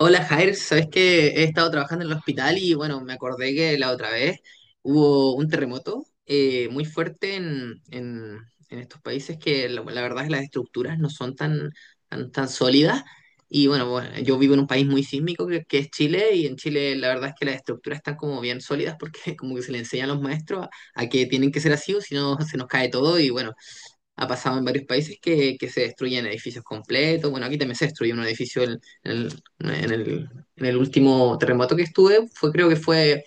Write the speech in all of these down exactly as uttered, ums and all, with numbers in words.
Hola Jair, sabes que he estado trabajando en el hospital y bueno, me acordé que la otra vez hubo un terremoto eh, muy fuerte en, en- en estos países que la, la verdad es que las estructuras no son tan, tan, tan sólidas. Y bueno, bueno, yo vivo en un país muy sísmico que, que es Chile y en Chile la verdad es que las estructuras están como bien sólidas porque como que se le enseña a los maestros a, a que tienen que ser así o si no se nos cae todo y bueno, ha pasado en varios países que, que se destruyen edificios completos. Bueno, aquí también se destruyó un edificio en, en el, en el- en el último terremoto que estuve. Fue, creo que fue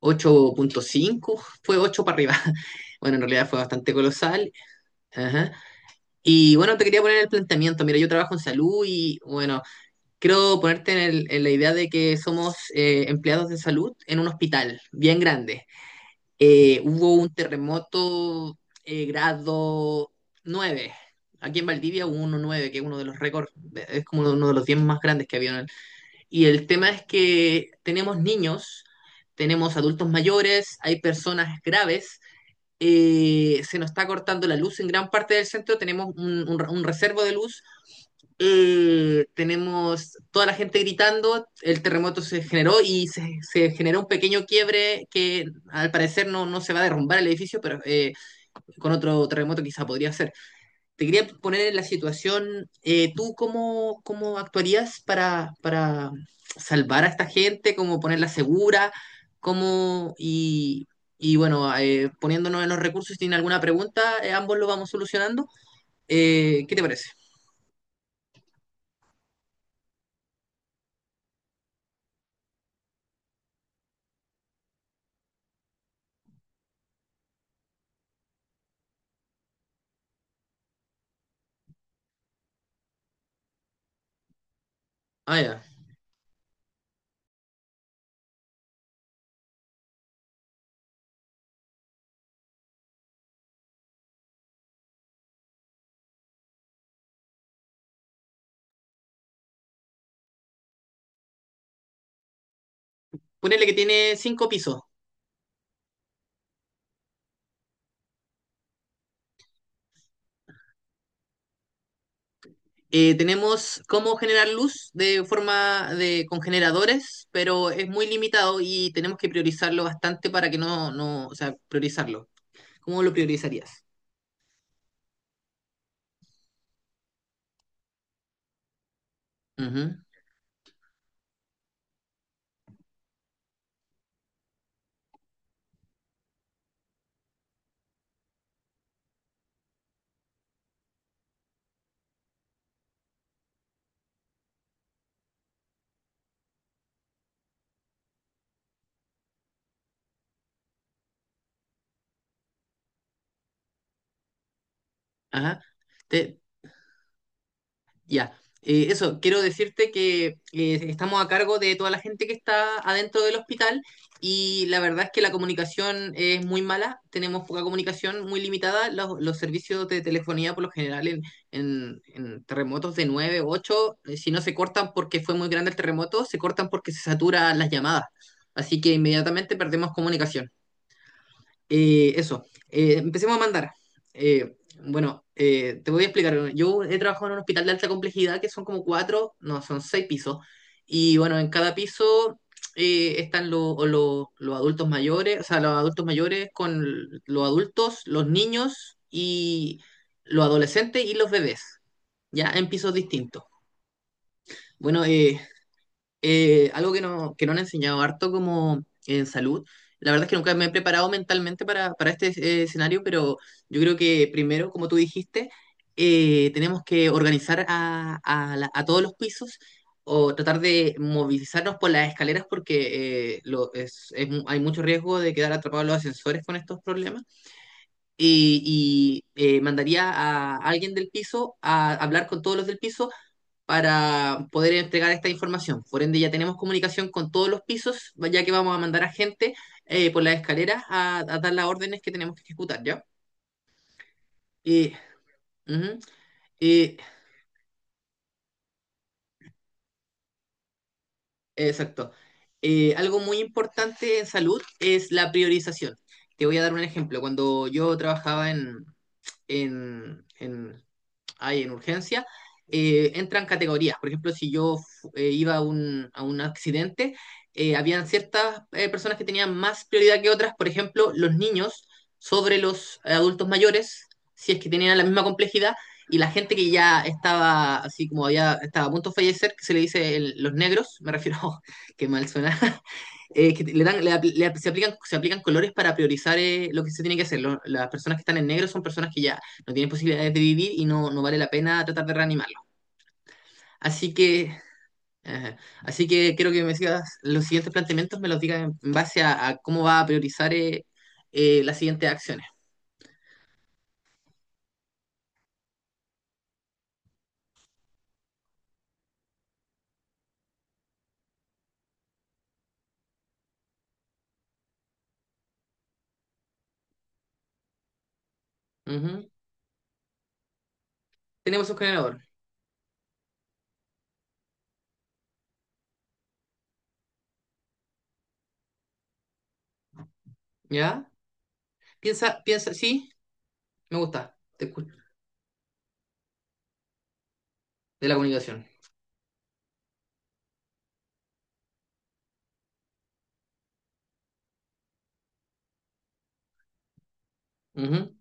ocho punto cinco, fue ocho para arriba. Bueno, en realidad fue bastante colosal. Ajá. Y bueno, te quería poner el planteamiento. Mira, yo trabajo en salud y bueno, quiero ponerte en, el- en la idea de que somos eh, empleados de salud en un hospital bien grande eh, hubo un terremoto eh, grado nueve. Aquí en Valdivia hubo uno nueve que es uno de los récords, es como uno de los diez más grandes que había. Y el tema es que tenemos niños, tenemos adultos mayores, hay personas graves. Eh, se nos está cortando la luz en gran parte del centro, tenemos un, un, un reservo de luz, eh, tenemos toda la gente gritando, el terremoto se generó y se, se generó un pequeño quiebre que al parecer no, no se va a derrumbar el edificio, pero eh, con otro terremoto quizá podría ser. Te quería poner en la situación. Eh, ¿tú cómo, cómo actuarías para, para salvar a esta gente? ¿Cómo ponerla segura? ¿Cómo, y, y bueno, eh, poniéndonos en los recursos? Si tienen alguna pregunta, eh, ambos lo vamos solucionando. Eh, ¿qué te parece? Ah, ya. Ponele que tiene cinco pisos. Eh, tenemos cómo generar luz de forma de con generadores, pero es muy limitado y tenemos que priorizarlo bastante para que no, no, o sea, priorizarlo. ¿Cómo lo priorizarías? Ujú. Ajá. Te- ya. Eh, eso, quiero decirte que eh, estamos a cargo de toda la gente que está adentro del hospital y la verdad es que la comunicación es muy mala, tenemos poca comunicación, muy limitada. Los, los servicios de telefonía por lo general en, en- en terremotos de nueve ocho, eh, si no se cortan porque fue muy grande el terremoto, se cortan porque se saturan las llamadas. Así que inmediatamente perdemos comunicación. Eh, eso, eh, empecemos a mandar. Eh, bueno, eh, te voy a explicar. Bueno, yo he trabajado en un hospital de alta complejidad que son como cuatro, no, son seis pisos. Y bueno, en cada piso eh, están lo- o lo- los adultos mayores, o sea, los adultos mayores con l- los adultos, los niños y los adolescentes y los bebés, ya en pisos distintos. Bueno, eh, eh, algo que no, que no han enseñado harto como en salud. La verdad es que nunca me he preparado mentalmente para, para este eh, escenario, pero yo creo que primero, como tú dijiste, eh, tenemos que organizar a, a la- a todos los pisos o tratar de movilizarnos por las escaleras porque eh, lo- es- es mu- hay mucho riesgo de quedar atrapados en los ascensores con estos problemas. Y, y, eh, Mandaría a alguien del piso a hablar con todos los del piso para poder entregar esta información. Por ende, ya tenemos comunicación con todos los pisos, ya que vamos a mandar a gente eh, por las escaleras a, a dar las órdenes que tenemos que ejecutar, ¿ya? Y, ujú, y, exacto. Eh, algo muy importante en salud es la priorización. Te voy a dar un ejemplo. Cuando yo trabajaba en, en, en hay en urgencia, eh, entran categorías. Por ejemplo, si yo eh, iba a un, a un accidente, eh, habían ciertas eh, personas que tenían más prioridad que otras, por ejemplo, los niños sobre los eh, adultos mayores, si es que tenían la misma complejidad, y la gente que ya estaba, así como había, estaba a punto de fallecer, que se le dice el- los negros, me refiero, que mal suena, eh, que le dan, le le se, aplican, se aplican colores para priorizar eh, lo que se tiene que hacer. Lo- las personas que están en negro son personas que ya no tienen posibilidades de vivir y no, no vale la pena tratar de reanimarlo. Así que, eh, así que quiero que me sigas los siguientes planteamientos, me los digas en en base a, a cómo va a priorizar eh, eh, las siguientes acciones. Ujú. Tenemos un generador, ¿ya? Piensa, piensa, sí, me gusta, te escu- de la comunicación. Ujú.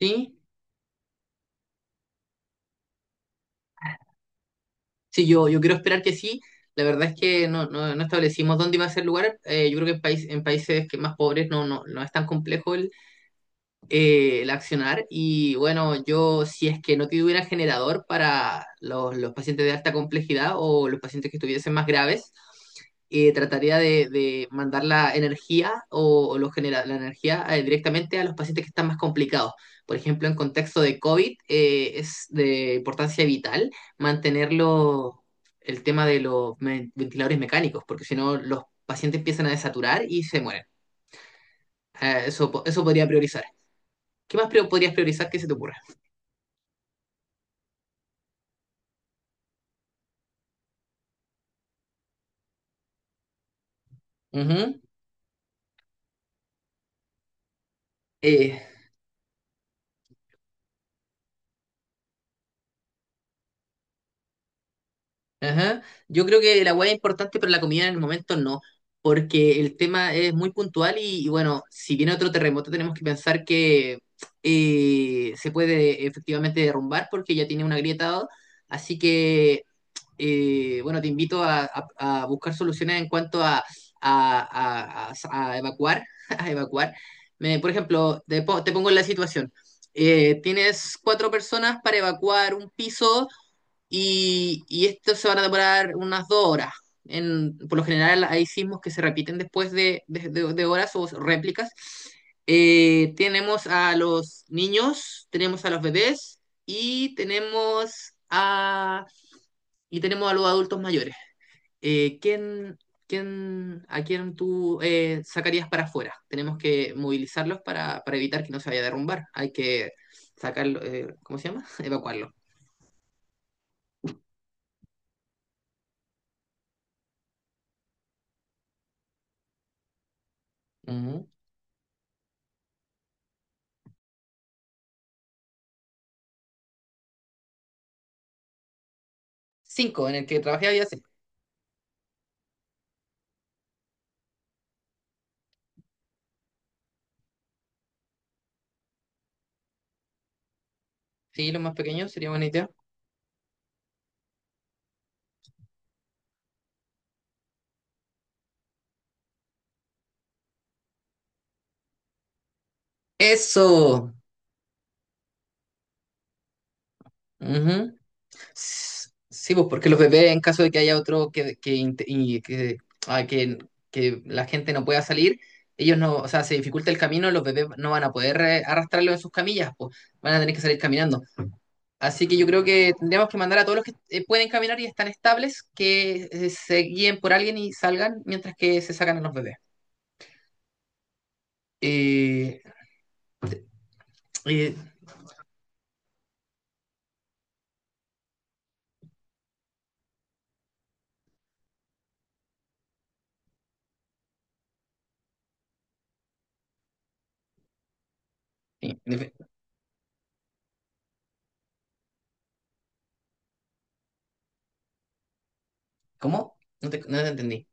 Sí, Sí, yo, yo quiero esperar que sí. La verdad es que no, no, no establecimos dónde iba a ser el lugar. Eh, yo creo que en, país, en países que más pobres no, no, no es tan complejo el, eh, el accionar y bueno, yo si es que no tuviera generador para los, los pacientes de alta complejidad o los pacientes que estuviesen más graves, eh, trataría de, de mandar la energía o, o los genera- la energía eh, directamente a los pacientes que están más complicados. Por ejemplo, en contexto de COVID, eh, es de importancia vital mantenerlo el tema de los me- ventiladores mecánicos, porque si no, los pacientes empiezan a desaturar y se mueren. Eh, eso, po- eso podría priorizar. ¿Qué más pri- podrías priorizar que se te ocurra? Ujú, eh, ajá. Yo creo que la hueá es importante, pero la comida en el momento no, porque el tema es muy puntual y, y bueno, si viene otro terremoto tenemos que pensar que eh, se puede efectivamente derrumbar porque ya tiene una grieta, así que eh, bueno, te invito a, a, a, buscar soluciones en cuanto a, a a, a evacuar, a evacuar. Me, por ejemplo, te, po- te pongo en la situación. Eh, tienes cuatro personas para evacuar un piso y, y esto se van a demorar unas dos horas. En, por lo general hay sismos que se repiten después de, de- de- de horas o réplicas. Eh, tenemos a los niños, tenemos a los bebés y tenemos a y tenemos a los adultos mayores. Eh, ¿quién, quién, ¿A quién tú eh, sacarías para afuera? Tenemos que movilizarlos para, para evitar que no se vaya a derrumbar. Hay que sacarlo, eh, ¿cómo se llama? Evacuarlo. Ujú. Cinco, en el que trabajé había cinco. Sí, los más pequeños sería buena idea. Eso. Ujú. S- Sí, pues porque los bebés, en caso de que haya otro que, que, int- y que, ah, que, que la gente no pueda salir, ellos no, o sea, se dificulta el camino, los bebés no van a poder eh, arrastrarlo en sus camillas, pues van a tener que salir caminando. Así que yo creo que tendríamos que mandar a todos los que eh, pueden caminar y están estables que eh, se guíen por alguien y salgan mientras que se sacan a los bebés. Eh, eh, eh, ¿Cómo? No te, no te entendí.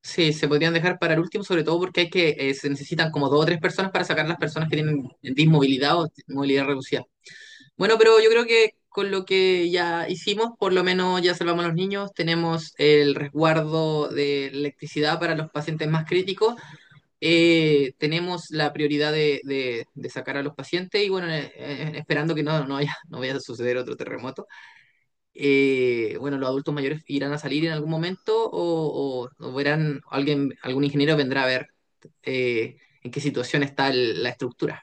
Sí, se podrían dejar para el último, sobre todo porque hay que, eh, se necesitan como dos o tres personas para sacar las personas que tienen dismovilidad o movilidad reducida. Bueno, pero yo creo que con lo que ya hicimos, por lo menos ya salvamos a los niños, tenemos el resguardo de electricidad para los pacientes más críticos, eh, tenemos la prioridad de, de- de sacar a los pacientes y bueno, eh, eh, esperando que no, no haya, no vaya a suceder otro terremoto. Eh, bueno, los adultos mayores irán a salir en algún momento o, o- o verán, alguien, algún ingeniero vendrá a ver eh, en qué situación está el- la estructura.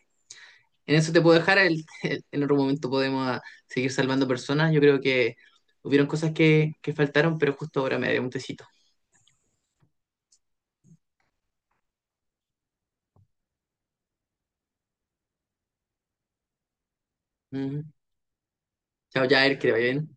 En eso te puedo dejar, el- el- en otro momento podemos ah, seguir salvando personas. Yo creo que hubieron cosas que, que faltaron, pero justo ahora me dio un tecito. Ujú. Chao, Jair, que te vaya bien.